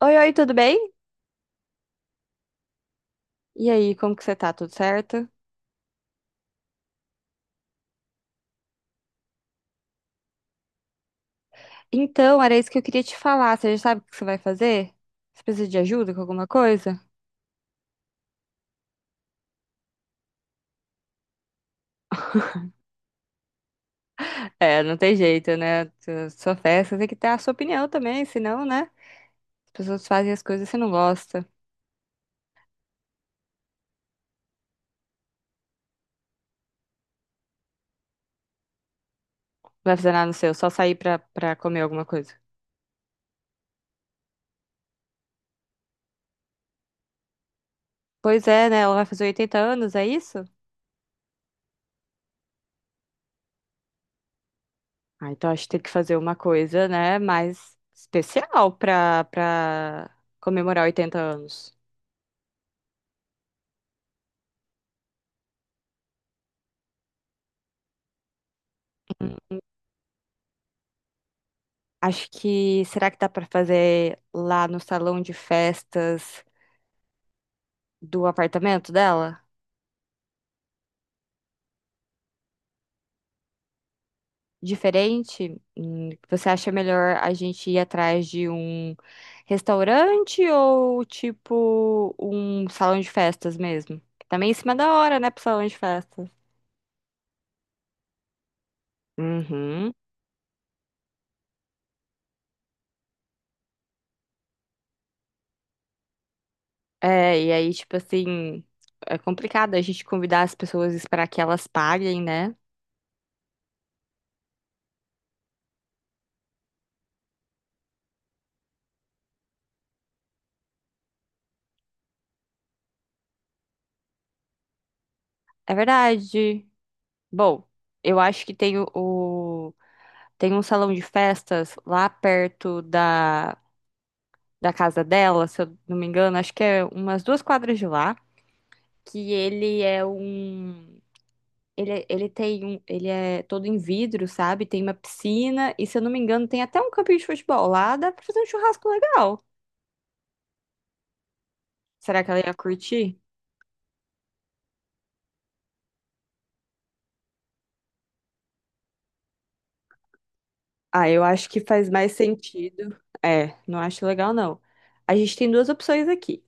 Oi, oi, tudo bem? E aí, como que você tá? Tudo certo? Então, era isso que eu queria te falar. Você já sabe o que você vai fazer? Você precisa de ajuda com alguma coisa? É, não tem jeito, né? Sua festa tem que ter a sua opinião também, senão, né? As pessoas fazem as coisas e você não gosta. Não vai fazer nada no seu, só sair pra comer alguma coisa. Pois é, né? Ela vai fazer 80 anos, é isso? Ah, então acho que tem que fazer uma coisa, né? Mais especial pra comemorar 80 anos. Acho que será que dá pra fazer lá no salão de festas do apartamento dela? Diferente? Hum. Você acha melhor a gente ir atrás de um restaurante ou tipo um salão de festas mesmo? Também em cima da hora, né, pro salão de festas. Uhum. É, e aí, tipo assim, é complicado a gente convidar as pessoas e esperar que elas paguem, né? É verdade. Bom, eu acho que tem o. tem um salão de festas lá perto da, da casa dela, se eu não me engano, acho que é umas 2 quadras de lá, que ele é um. Ele tem um. Ele é todo em vidro, sabe? Tem uma piscina, e se eu não me engano, tem até um campinho de futebol lá, dá pra fazer um churrasco legal. Será que ela ia curtir? Ah, eu acho que faz mais sentido. É, não acho legal, não. A gente tem duas opções aqui.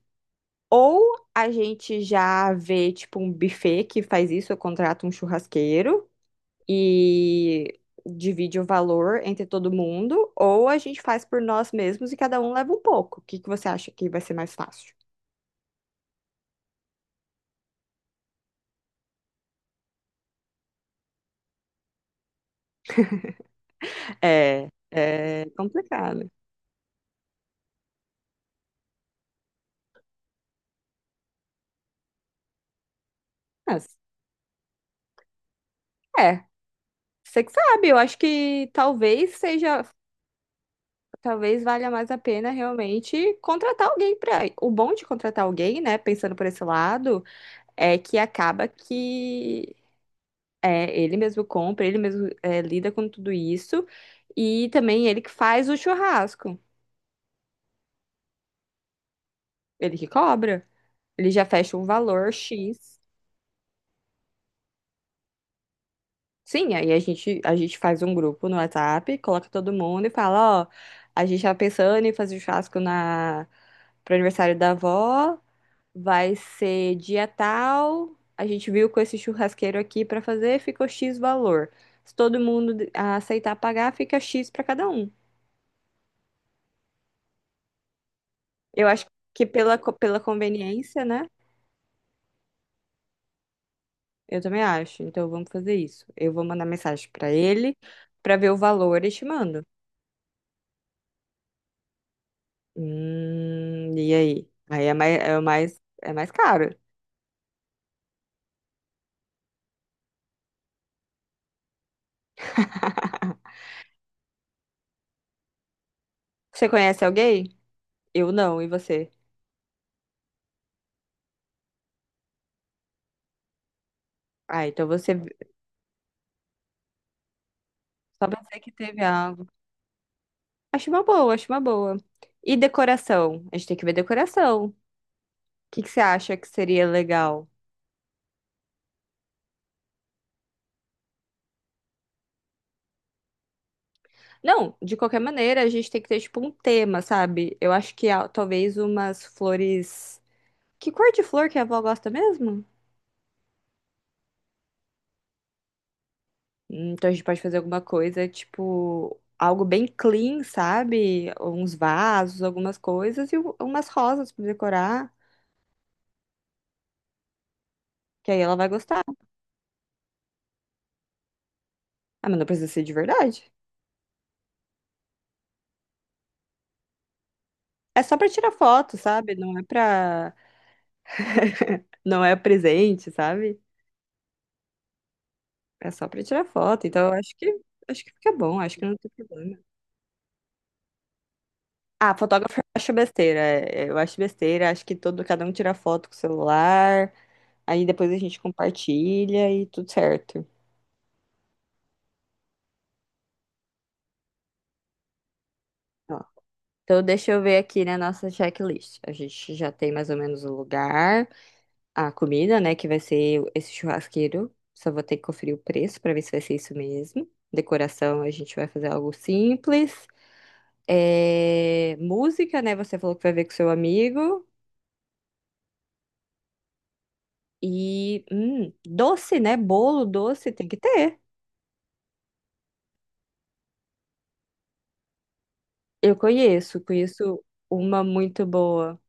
Ou a gente já vê, tipo, um buffet que faz isso, eu contrato um churrasqueiro e divide o valor entre todo mundo, ou a gente faz por nós mesmos e cada um leva um pouco. O que que você acha que vai ser mais fácil? É, é complicado. Mas, é, você que sabe, eu acho que talvez valha mais a pena realmente contratar alguém para. O bom de contratar alguém, né, pensando por esse lado, é que acaba que ele mesmo compra, ele mesmo lida com tudo isso. E também ele que faz o churrasco. Ele que cobra. Ele já fecha um valor X. Sim, aí a gente faz um grupo no WhatsApp, coloca todo mundo e fala, ó, a gente tá pensando em fazer o churrasco pro aniversário da avó, vai ser dia tal, a gente viu com esse churrasqueiro aqui pra fazer, ficou X valor. Se todo mundo aceitar pagar, fica X pra cada um. Eu acho que pela, pela conveniência, né? Eu também acho. Então vamos fazer isso. Eu vou mandar mensagem pra ele pra ver o valor e te mando. E aí? Aí é mais caro. Você conhece alguém? Eu não, e você? Ah, então você só pra dizer que teve algo. Acho uma boa, acho uma boa. E decoração? A gente tem que ver decoração. O que que você acha que seria legal? Não, de qualquer maneira, a gente tem que ter tipo um tema, sabe? Eu acho que talvez umas flores. Que cor de flor que a avó gosta mesmo? Hum. Então a gente pode fazer alguma coisa, tipo, algo bem clean, sabe? Uns vasos, algumas coisas e umas rosas pra decorar, que aí ela vai gostar. Ah, mas não precisa ser de verdade. É só pra tirar foto, sabe? Não é presente, sabe? É só pra tirar foto. Então eu acho que fica bom, acho que não tem problema. Ah, fotógrafo eu acho besteira. Eu acho besteira, acho que todo cada um tira foto com o celular, aí depois a gente compartilha e tudo certo. Então, deixa eu ver aqui na nossa checklist. A gente já tem mais ou menos o lugar, a comida, né, que vai ser esse churrasqueiro. Só vou ter que conferir o preço para ver se vai ser isso mesmo. Decoração, a gente vai fazer algo simples. É, música, né, você falou que vai ver com seu amigo. E doce, né, bolo doce tem que ter. Eu conheço uma muito boa.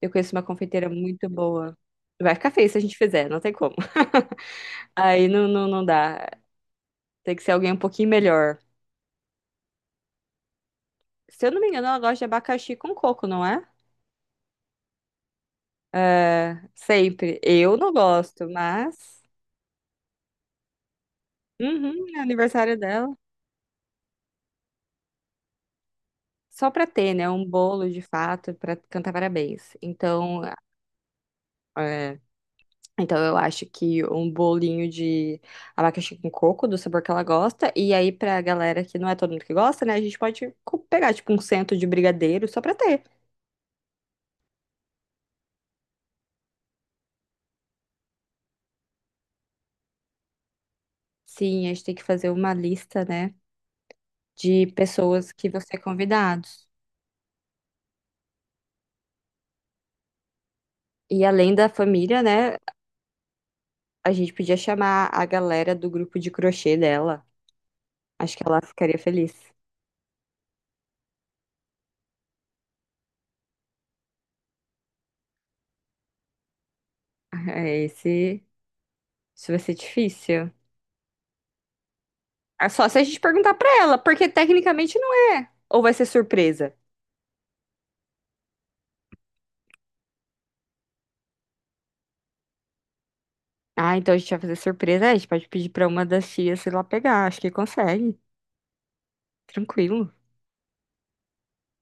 Eu conheço uma confeiteira muito boa. Vai ficar feio se a gente fizer, não tem como. Aí não, não, não dá. Tem que ser alguém um pouquinho melhor. Se eu não me engano, ela gosta de abacaxi com coco, não é? É, sempre. Eu não gosto, mas. Uhum, é aniversário dela. Só pra ter, né? Um bolo de fato pra cantar parabéns. Então, é, então eu acho que um bolinho de abacaxi com coco, do sabor que ela gosta. E aí, pra galera que não é todo mundo que gosta, né? A gente pode pegar, tipo, um cento de brigadeiro só pra ter. Sim, a gente tem que fazer uma lista, né? De pessoas que vão ser convidados. E além da família, né? A gente podia chamar a galera do grupo de crochê dela. Acho que ela ficaria feliz. É, isso vai ser difícil. É só se a gente perguntar pra ela, porque tecnicamente não é. Ou vai ser surpresa? Ah, então a gente vai fazer surpresa. É, a gente pode pedir pra uma das tias ir lá pegar. Acho que consegue. Tranquilo.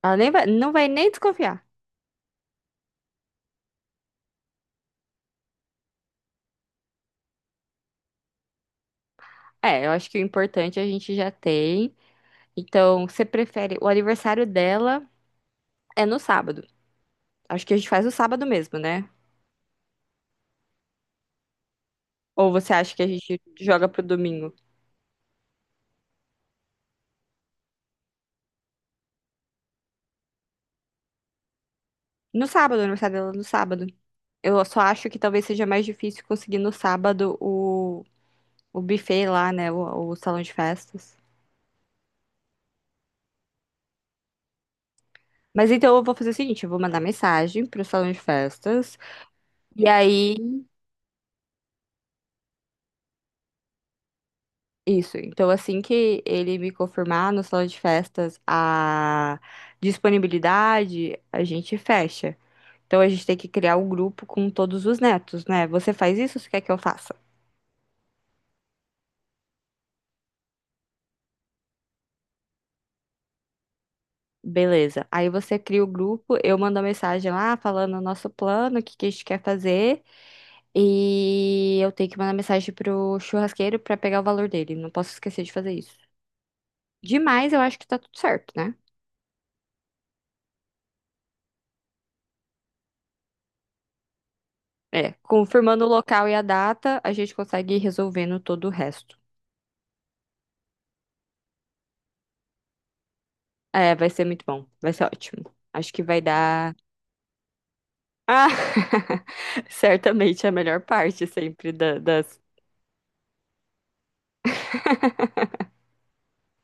Ela nem vai, não vai nem desconfiar. É, eu acho que o importante é a gente já tem. Então, você prefere. O aniversário dela é no sábado. Acho que a gente faz no sábado mesmo, né? Ou você acha que a gente joga pro domingo? No sábado, o aniversário dela é no sábado. Eu só acho que talvez seja mais difícil conseguir no sábado o buffet lá, né? O salão de festas. Mas então eu vou fazer o seguinte, eu vou mandar mensagem pro salão de festas. E aí, isso. Então assim que ele me confirmar no salão de festas a disponibilidade, a gente fecha. Então a gente tem que criar um grupo com todos os netos, né? Você faz isso ou você quer que eu faça? Beleza. Aí você cria o grupo, eu mando a mensagem lá falando o nosso plano, o que que a gente quer fazer. E eu tenho que mandar mensagem pro churrasqueiro pra pegar o valor dele. Não posso esquecer de fazer isso. Demais, eu acho que tá tudo certo, né? É, confirmando o local e a data, a gente consegue ir resolvendo todo o resto. É, vai ser muito bom. Vai ser ótimo. Acho que vai dar. Ah! Certamente é a melhor parte sempre das